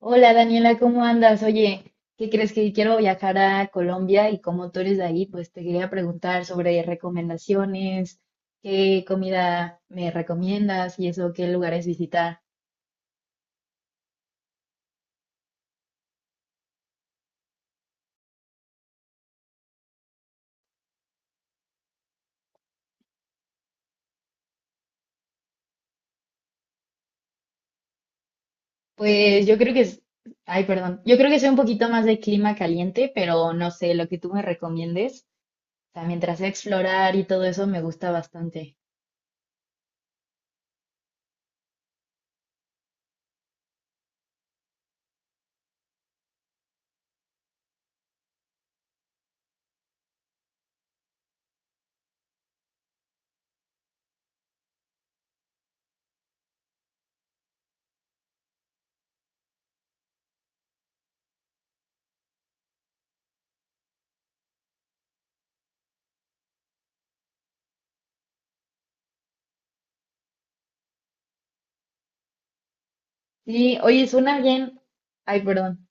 Hola Daniela, ¿cómo andas? Oye, ¿qué crees que quiero viajar a Colombia y como tú eres de ahí, pues te quería preguntar sobre recomendaciones, qué comida me recomiendas y eso, qué lugares visitar. Pues yo creo que es, ay, perdón, yo creo que soy un poquito más de clima caliente, pero no sé, lo que tú me recomiendes, o sea, mientras sea explorar y todo eso me gusta bastante. Sí, oye, suena bien. Ay, perdón.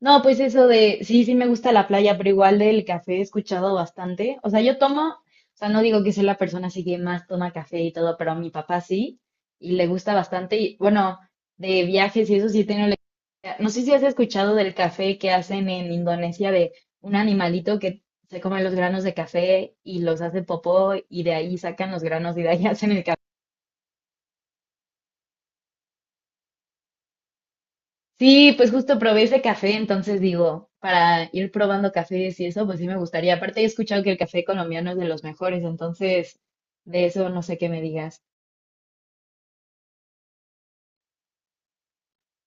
No, pues eso de, sí, sí me gusta la playa, pero igual del café he escuchado bastante. O sea, yo tomo, o sea, no digo que sea la persona así que más toma café y todo, pero a mi papá sí, y le gusta bastante. Y bueno, de viajes y eso sí tengo la experiencia. No sé si has escuchado del café que hacen en Indonesia de un animalito que se come los granos de café y los hace popó y de ahí sacan los granos y de ahí hacen el café. Sí, pues justo probé ese café, entonces digo, para ir probando cafés y eso, pues sí me gustaría. Aparte, he escuchado que el café colombiano es de los mejores, entonces de eso no sé qué me digas.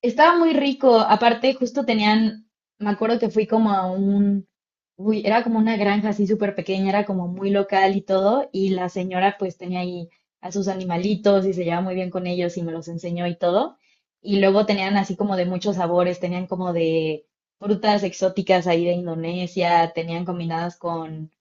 Estaba muy rico. Aparte, justo tenían, me acuerdo que fui como a un, uy, era como una granja así súper pequeña, era como muy local y todo. Y la señora pues tenía ahí a sus animalitos y se llevaba muy bien con ellos y me los enseñó y todo. Y luego tenían así como de muchos sabores, tenían como de frutas exóticas ahí de Indonesia, tenían combinadas con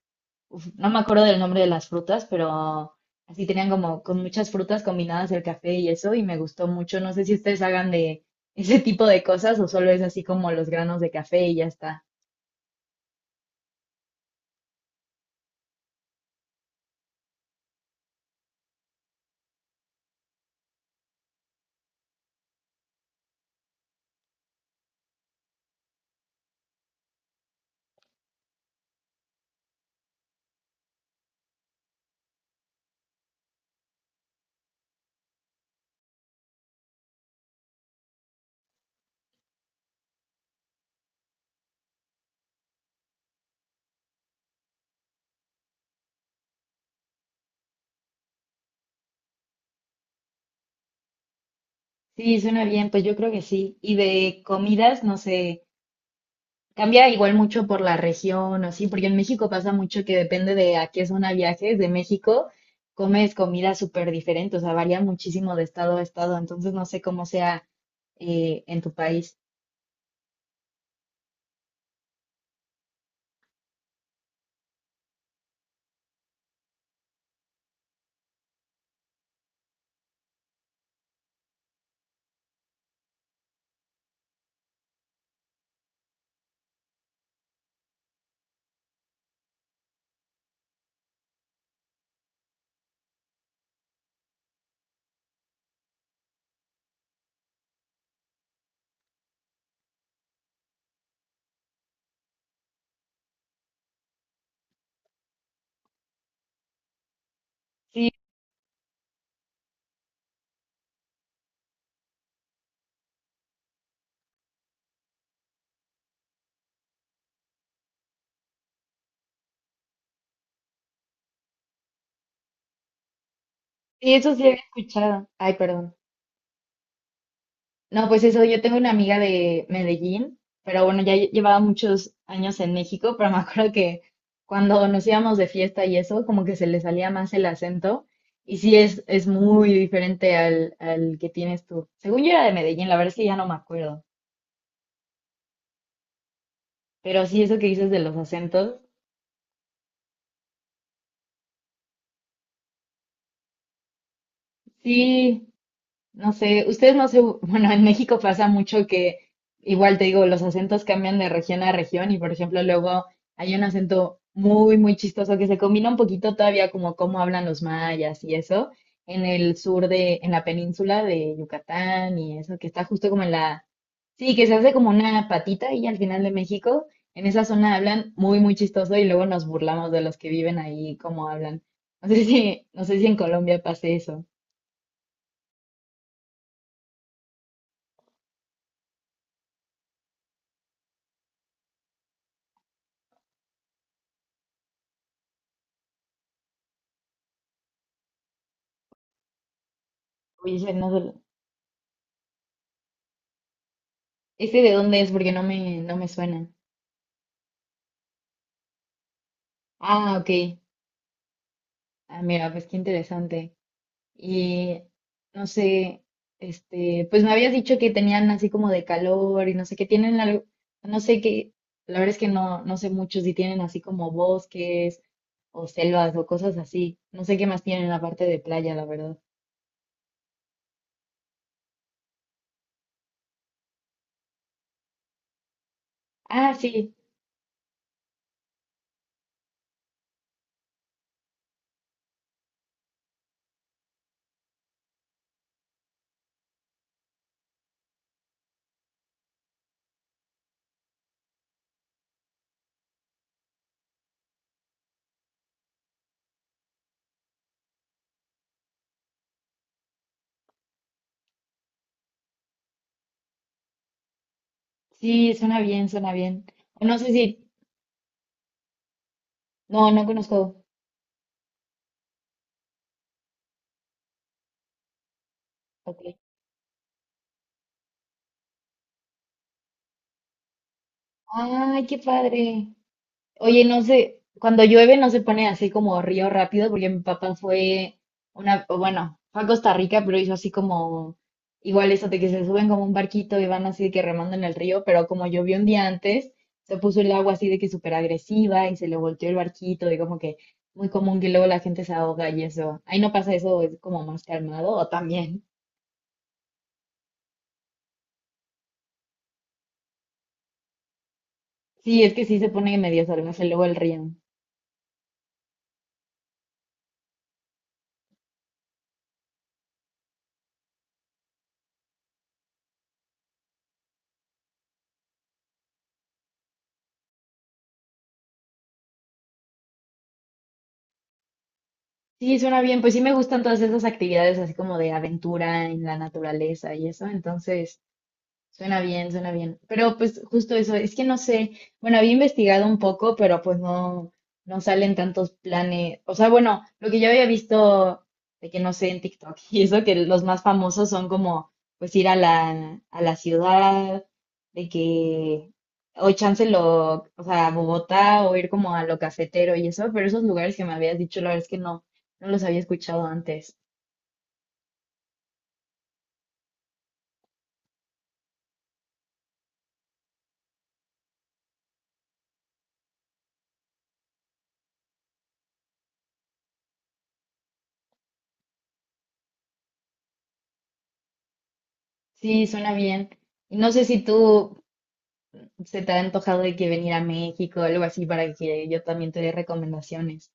uf, no me acuerdo del nombre de las frutas, pero así tenían como con muchas frutas combinadas el café y eso, y me gustó mucho. No sé si ustedes hagan de ese tipo de cosas o solo es así como los granos de café y ya está. Sí, suena bien, pues yo creo que sí. Y de comidas, no sé, cambia igual mucho por la región o así, porque en México pasa mucho que depende de a qué zona viajes, de México comes comida súper diferente, o sea, varía muchísimo de estado a estado, entonces no sé cómo sea en tu país. Sí, Sí, eso sí había escuchado. Ay, perdón. No, pues eso, yo tengo una amiga de Medellín, pero bueno, ya llevaba muchos años en México, pero me acuerdo que cuando nos íbamos de fiesta y eso, como que se le salía más el acento. Y sí, es muy diferente al, al que tienes tú. Según yo era de Medellín, la verdad es que ya no me acuerdo. Pero sí, eso que dices de los acentos, sí, No sé, ustedes no se, bueno, en México pasa mucho que igual te digo, los acentos cambian de región a región y por ejemplo luego hay un acento muy, muy chistoso que se combina un poquito todavía como cómo hablan los mayas y eso en el sur de, en la península de Yucatán y eso, que está justo como en la, sí, que se hace como una patita y al final de México, en esa zona hablan muy, muy chistoso y luego nos burlamos de los que viven ahí, cómo hablan. No sé si, no sé si en Colombia pase eso. Oye, no sé, ¿ese de dónde es? Porque no me, no me suena. Ah, ok. Ah, mira, pues qué interesante. Y no sé, este, pues me habías dicho que tenían así como de calor y no sé qué tienen algo, no sé qué, la verdad es que no, no sé mucho si tienen así como bosques o selvas o cosas así. No sé qué más tienen aparte de playa, la verdad. Ah, sí, sí, suena bien, suena bien. O no sé si, no, no conozco. Ok. Ay, qué padre. Oye, no sé, cuando llueve no se pone así como río rápido, porque mi papá fue una, o bueno, fue a Costa Rica, pero hizo así como, igual eso de que se suben como un barquito y van así de que remando en el río, pero como llovió un día antes, se puso el agua así de que súper agresiva y se le volteó el barquito y como que muy común que luego la gente se ahoga y eso. Ahí no pasa eso, es como más calmado o también. Sí, es que sí se pone medio salvaje luego el río. Sí, suena bien. Pues sí me gustan todas esas actividades así como de aventura en la naturaleza y eso. Entonces, suena bien, suena bien. Pero pues justo eso, es que no sé, bueno, había investigado un poco, pero pues no, no salen tantos planes. O sea, bueno, lo que yo había visto de que no sé en TikTok y eso, que los más famosos son como pues ir a la ciudad, de que, o chance lo, o sea, a Bogotá o ir como a lo cafetero y eso, pero esos lugares que me habías dicho, la verdad es que no, no los había escuchado antes. Sí, suena bien. Y no sé si tú, ¿se te ha antojado de que venir a México o algo así para que yo también te dé recomendaciones?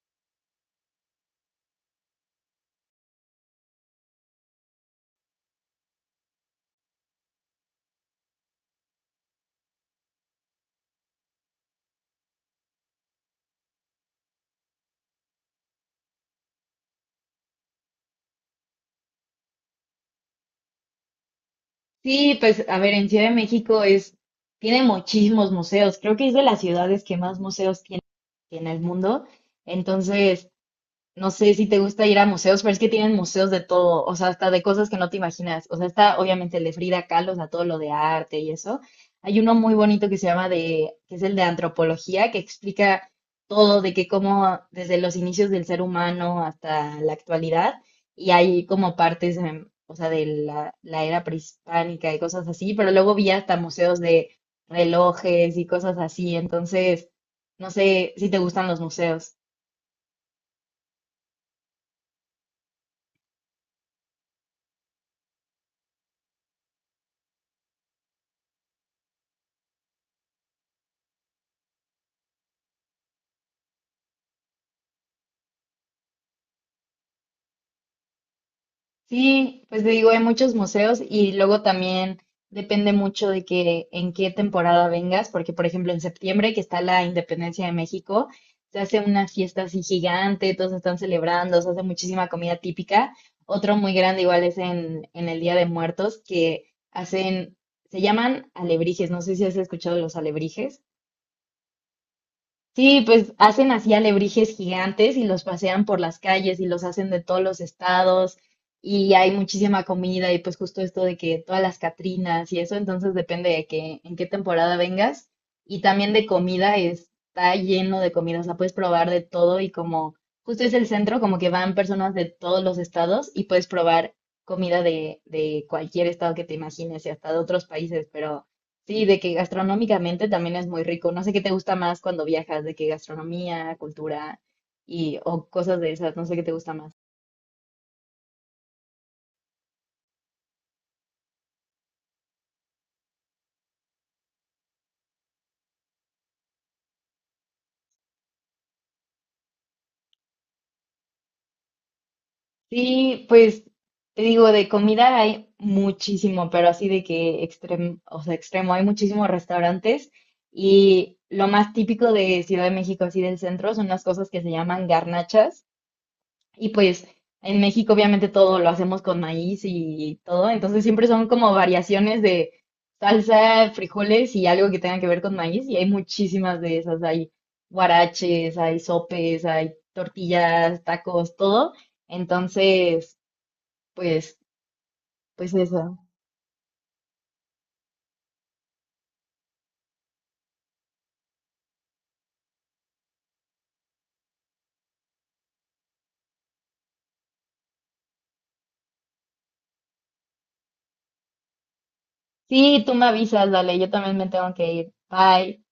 Sí, pues a ver, en Ciudad de México es, tiene muchísimos museos. Creo que es de las ciudades que más museos tiene en el mundo. Entonces, no sé si te gusta ir a museos, pero es que tienen museos de todo, o sea, hasta de cosas que no te imaginas. O sea, está obviamente el de Frida Kahlo, o sea, todo lo de arte y eso. Hay uno muy bonito que se llama de, que es el de antropología, que explica todo de que cómo desde los inicios del ser humano hasta la actualidad, y hay como partes, o sea, de la, la era prehispánica y cosas así, pero luego vi hasta museos de relojes y cosas así. Entonces, no sé si te gustan los museos. Sí, pues te digo, hay muchos museos y luego también depende mucho de que en qué temporada vengas, porque por ejemplo en septiembre que está la Independencia de México, se hace una fiesta así gigante, todos están celebrando, se hace muchísima comida típica. Otro muy grande igual es en el Día de Muertos que hacen, se llaman alebrijes, no sé si has escuchado los alebrijes. Sí, pues hacen así alebrijes gigantes y los pasean por las calles y los hacen de todos los estados y hay muchísima comida y pues justo esto de que todas las Catrinas y eso, entonces depende de que en qué temporada vengas y también de comida, está lleno de comida, o sea, puedes probar de todo y como justo es el centro, como que van personas de todos los estados y puedes probar comida de cualquier estado que te imagines y hasta de otros países, pero... Sí, de que gastronómicamente también es muy rico. No sé qué te gusta más cuando viajas, de que gastronomía, cultura y o cosas de esas, no sé qué te gusta más. Sí, pues te digo, de comida hay muchísimo, pero así de que extremo, o sea, extremo, hay muchísimos restaurantes y lo más típico de Ciudad de México, así del centro, son las cosas que se llaman garnachas. Y pues en México obviamente todo lo hacemos con maíz y todo, entonces siempre son como variaciones de salsa, frijoles y algo que tenga que ver con maíz y hay muchísimas de esas, hay huaraches, hay sopes, hay tortillas, tacos, todo. Entonces, pues, pues eso. Sí, tú me avisas, dale, yo también me tengo que ir. Bye.